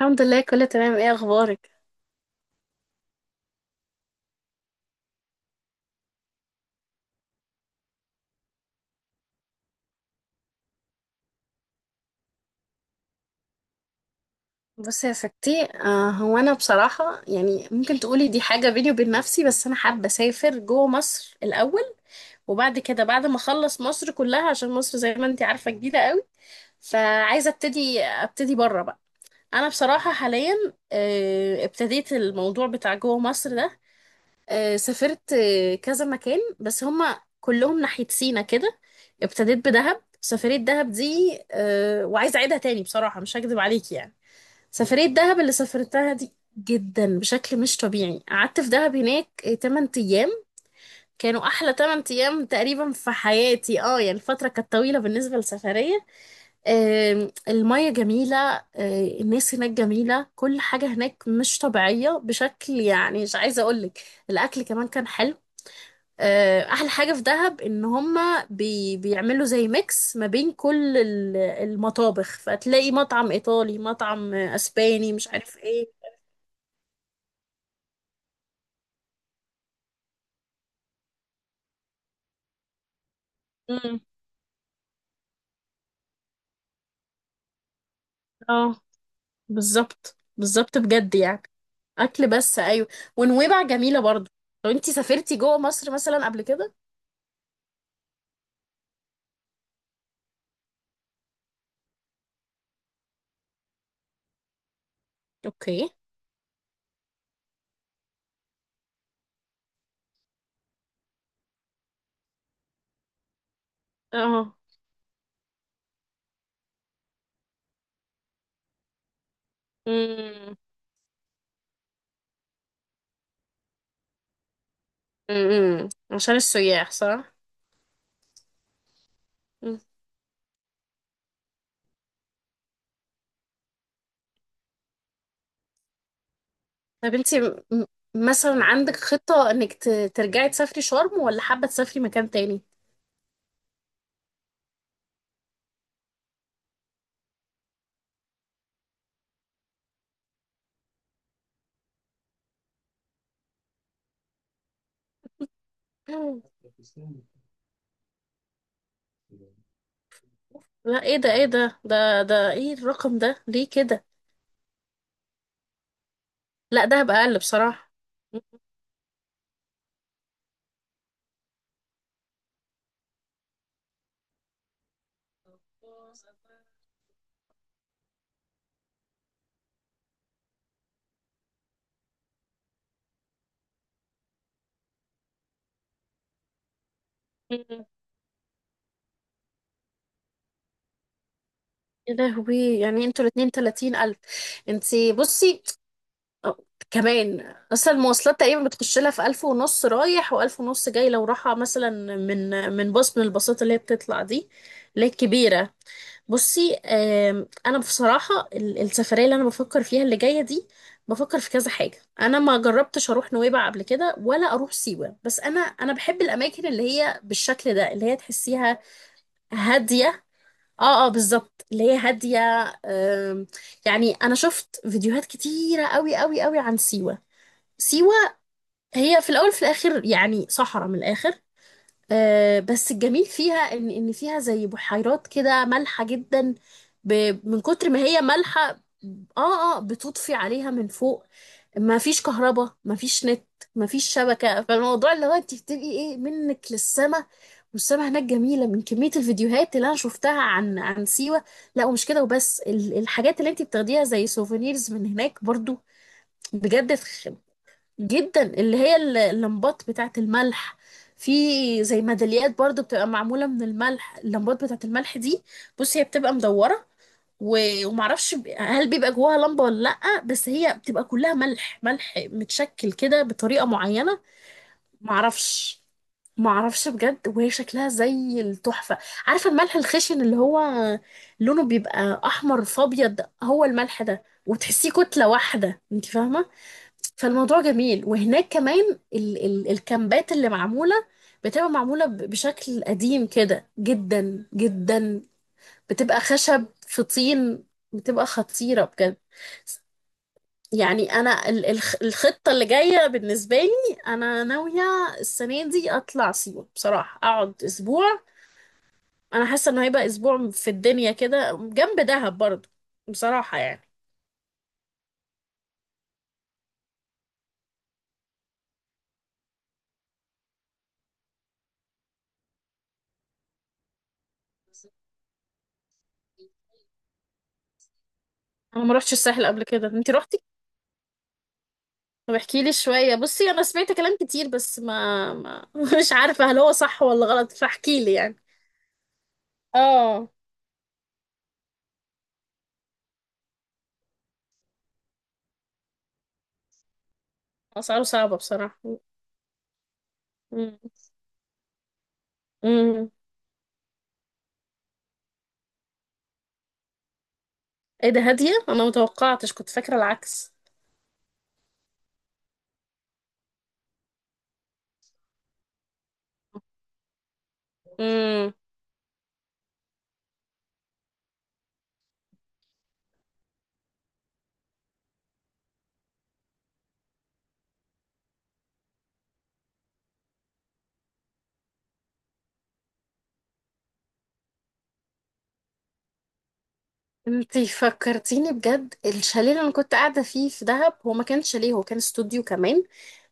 الحمد لله، كله تمام. ايه اخبارك؟ بصي يا ستي، هو انا بصراحه يعني ممكن تقولي دي حاجه بيني وبين نفسي، بس انا حابه اسافر جوه مصر الاول. وبعد كده بعد ما اخلص مصر كلها، عشان مصر زي ما انتي عارفه جديده قوي. فعايزه ابتدي بره بقى. انا بصراحه حاليا. ابتديت الموضوع بتاع جوه مصر ده. سافرت كذا مكان، بس هما كلهم ناحيه سينا كده. ابتديت بدهب. سفرية دهب دي وعايزة أعيدها تاني بصراحة، مش هكذب عليكي يعني. سفرية دهب اللي سافرتها دي جدا بشكل مش طبيعي. قعدت في دهب هناك 8 أيام. كانوا أحلى 8 أيام تقريبا في حياتي، يعني الفترة كانت طويلة بالنسبة للسفرية. المية جميلة. الناس هناك جميلة، كل حاجة هناك مش طبيعية بشكل يعني مش عايزة أقولك. الأكل كمان كان حلو. أحلى حاجة في دهب إن هما بيعملوا زي ميكس ما بين كل المطابخ، فتلاقي مطعم إيطالي، مطعم أسباني، مش عارف إيه. امم، اه، بالظبط، بالظبط بجد يعني. اكل، بس ايوه. ونويبع جميله برضو. لو انتي سافرتي جوه مصر مثلا قبل كده؟ اوكي. اه، امم عشان السياح، صح. مم. طب انتي مثلا عندك خطه انك ترجعي تسافري شرم، ولا حابه تسافري مكان تاني؟ مم. لا، ايه ده، ايه الرقم ده ليه كده؟ لا، ده هبقى اقل بصراحه. مم. يا لهوي، يعني انتوا الاتنين 30000! انتي بصي. أه، كمان اصلا المواصلات تقريبا بتخش لها في 1500 رايح وألف ونص جاي، لو رايحة مثلا. من باص، من الباصات اللي هي بتطلع دي، اللي هي الكبيرة. بصي، انا بصراحة السفرية اللي انا بفكر فيها اللي جاية دي، بفكر في كذا حاجة. انا ما جربتش اروح نويبع قبل كده ولا اروح سيوة، بس انا بحب الاماكن اللي هي بالشكل ده، اللي هي تحسيها هادية. اه، اه، بالظبط، اللي هي هادية. آم، يعني انا شفت فيديوهات كتيرة قوي قوي قوي عن سيوة. سيوة هي في الاول في الاخر يعني صحراء من الاخر. بس الجميل فيها ان فيها زي بحيرات كده مالحة جدا، من كتر ما هي مالحة. اه، اه، بتطفي عليها من فوق. ما فيش كهرباء، ما فيش نت، ما فيش شبكة. فالموضوع اللي هو انت بتبقي ايه، منك للسما، والسما هناك جميلة، من كمية الفيديوهات اللي انا شفتها عن سيوة. لا، ومش كده وبس، الحاجات اللي انت بتاخديها زي سوفينيرز من هناك برضو بجد، جدا. اللي هي اللمبات بتاعة الملح. في زي ميداليات برضو بتبقى معمولة من الملح، اللمبات بتاعة الملح دي، بصي هي بتبقى مدورة ومعرفش، هل بيبقى جواها لمبة ولا لأ، بس هي بتبقى كلها ملح، ملح متشكل كده بطريقة معينة. معرفش، معرفش بجد، وهي شكلها زي التحفة. عارفة الملح الخشن اللي هو لونه بيبقى أحمر في أبيض، هو الملح ده، وتحسيه كتلة واحدة، انت فاهمة؟ فالموضوع جميل. وهناك كمان ال ال الكامبات اللي معمولة، بتبقى معمولة بشكل قديم كده جدا جدا، بتبقى خشب في طين، بتبقى خطيرة بجد. يعني انا الخطة اللي جاية بالنسبة لي انا ناوية السنة دي اطلع سيوة بصراحة، اقعد اسبوع. انا حاسة انه هيبقى اسبوع في الدنيا، كده جنب دهب برضه، بصراحة يعني. انا ما رحتش الساحل قبل كده، انت رحتي؟ طب احكي لي شوية. بصي، انا سمعت كلام كتير، بس ما, ما مش عارفة هل هو صح ولا غلط، فاحكي لي يعني. اه، اسعاره صعبة بصراحة. مم. ايه ده؟ هادية؟ انا متوقعتش، كنت فاكرة العكس. امم. انتي فكرتيني بجد، الشاليه اللي انا كنت قاعدة فيه في دهب، هو ما كانش شاليه، هو كان استوديو كمان،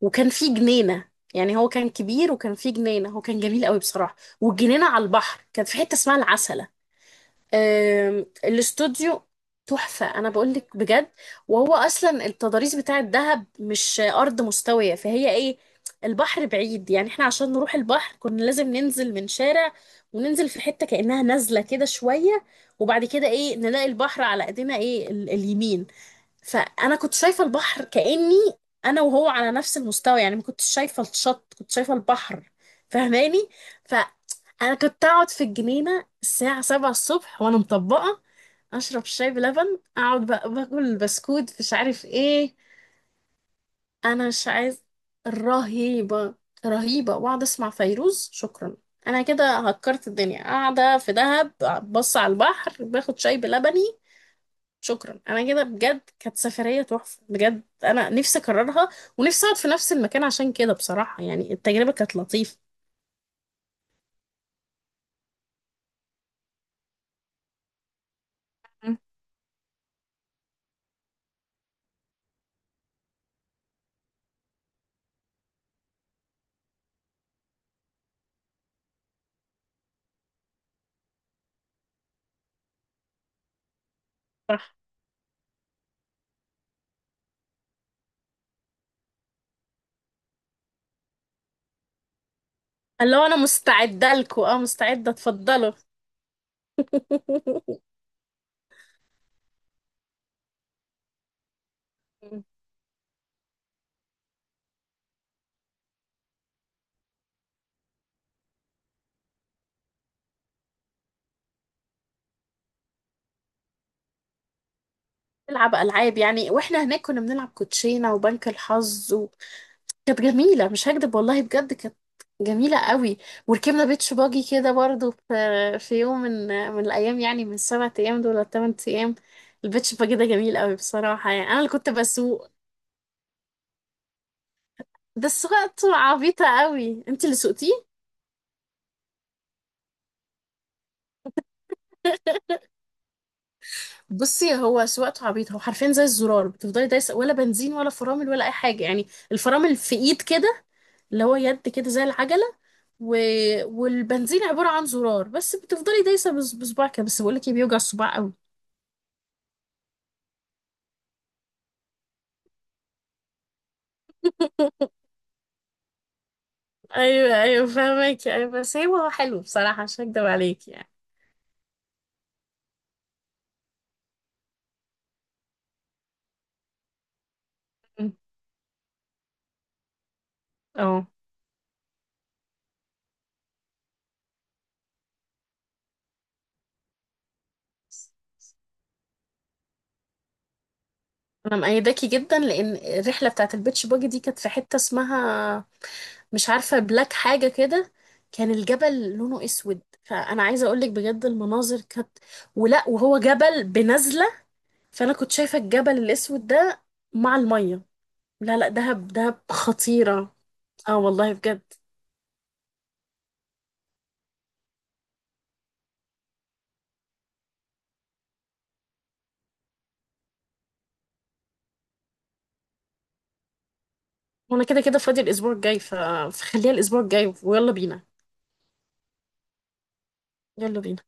وكان فيه جنينة. يعني هو كان كبير وكان فيه جنينة، هو كان جميل قوي بصراحة، والجنينة على البحر كانت في حتة اسمها العسل. الاستوديو تحفة، أنا بقولك بجد. وهو أصلا التضاريس بتاع الدهب مش أرض مستوية، فهي إيه، البحر بعيد، يعني إحنا عشان نروح البحر كنا لازم ننزل من شارع، وننزل في حتة كأنها نازلة كده شوية، وبعد كده إيه، نلاقي البحر على إيدينا إيه، اليمين. فانا كنت شايفه البحر كاني انا وهو على نفس المستوى، يعني ما كنتش شايفه الشط، كنت شايفه البحر. فاهماني؟ فانا كنت اقعد في الجنينه الساعه 7 الصبح وانا مطبقه، اشرب شاي بلبن، اقعد بقى باكل بسكوت مش عارف ايه. انا مش عايز، رهيبه، رهيبه، واقعد اسمع فيروز. شكرا، انا كده هكرت الدنيا، قاعده في دهب، بص على البحر، باخد شاي بلبني. شكرا، انا كده بجد كانت سفرية تحفة بجد، انا نفسي اكررها، ونفسي اقعد في نفس المكان، عشان كده بصراحة يعني التجربة كانت لطيفة. مم. صح. اللي هو انا مستعدة لكم، اه مستعدة، اتفضلوا. مم. نلعب العاب يعني، واحنا هناك كنا بنلعب كوتشينة وبنك الحظ و... كانت جميلة، مش هكدب والله بجد، كانت جميلة قوي. وركبنا بيتش باجي كده برضو، في يوم من من الأيام، يعني من السبع أيام دول ولا التمن أيام. البيتش باجي ده جميل قوي بصراحة، يعني أنا اللي كنت بسوق. ده سواقته عبيطة قوي، انت اللي سوقتيه؟ بصي هو سواقته عبيطة، هو حرفيا زي الزرار، بتفضلي دايسة ولا بنزين ولا فرامل ولا أي حاجة يعني. الفرامل في إيد كده، اللي هو يد كده زي العجلة، و... والبنزين عبارة عن زرار بس، بتفضلي دايسة بصباعك كده. بس بقولك ايه، بيوجع الصباع قوي. أيوه، أيوه، فاهمك، أيوه بس هو حلو بصراحة، مش هكدب عليك يعني. اه. أنا مأيداكي جدا، لأن الرحلة بتاعت البيتش باجي دي كانت في حتة اسمها، مش عارفة، بلاك حاجة كده. كان الجبل لونه اسود، فانا عايزة اقولك بجد المناظر كانت، ولا وهو جبل بنزلة. فانا كنت شايفة الجبل الاسود ده مع المية. لا، لا، دهب، دهب خطيرة. اه والله بجد. وانا كده كده فاضي الاسبوع الجاي، ف... فخليها الاسبوع الجاي، ويلا بينا. يلا بينا.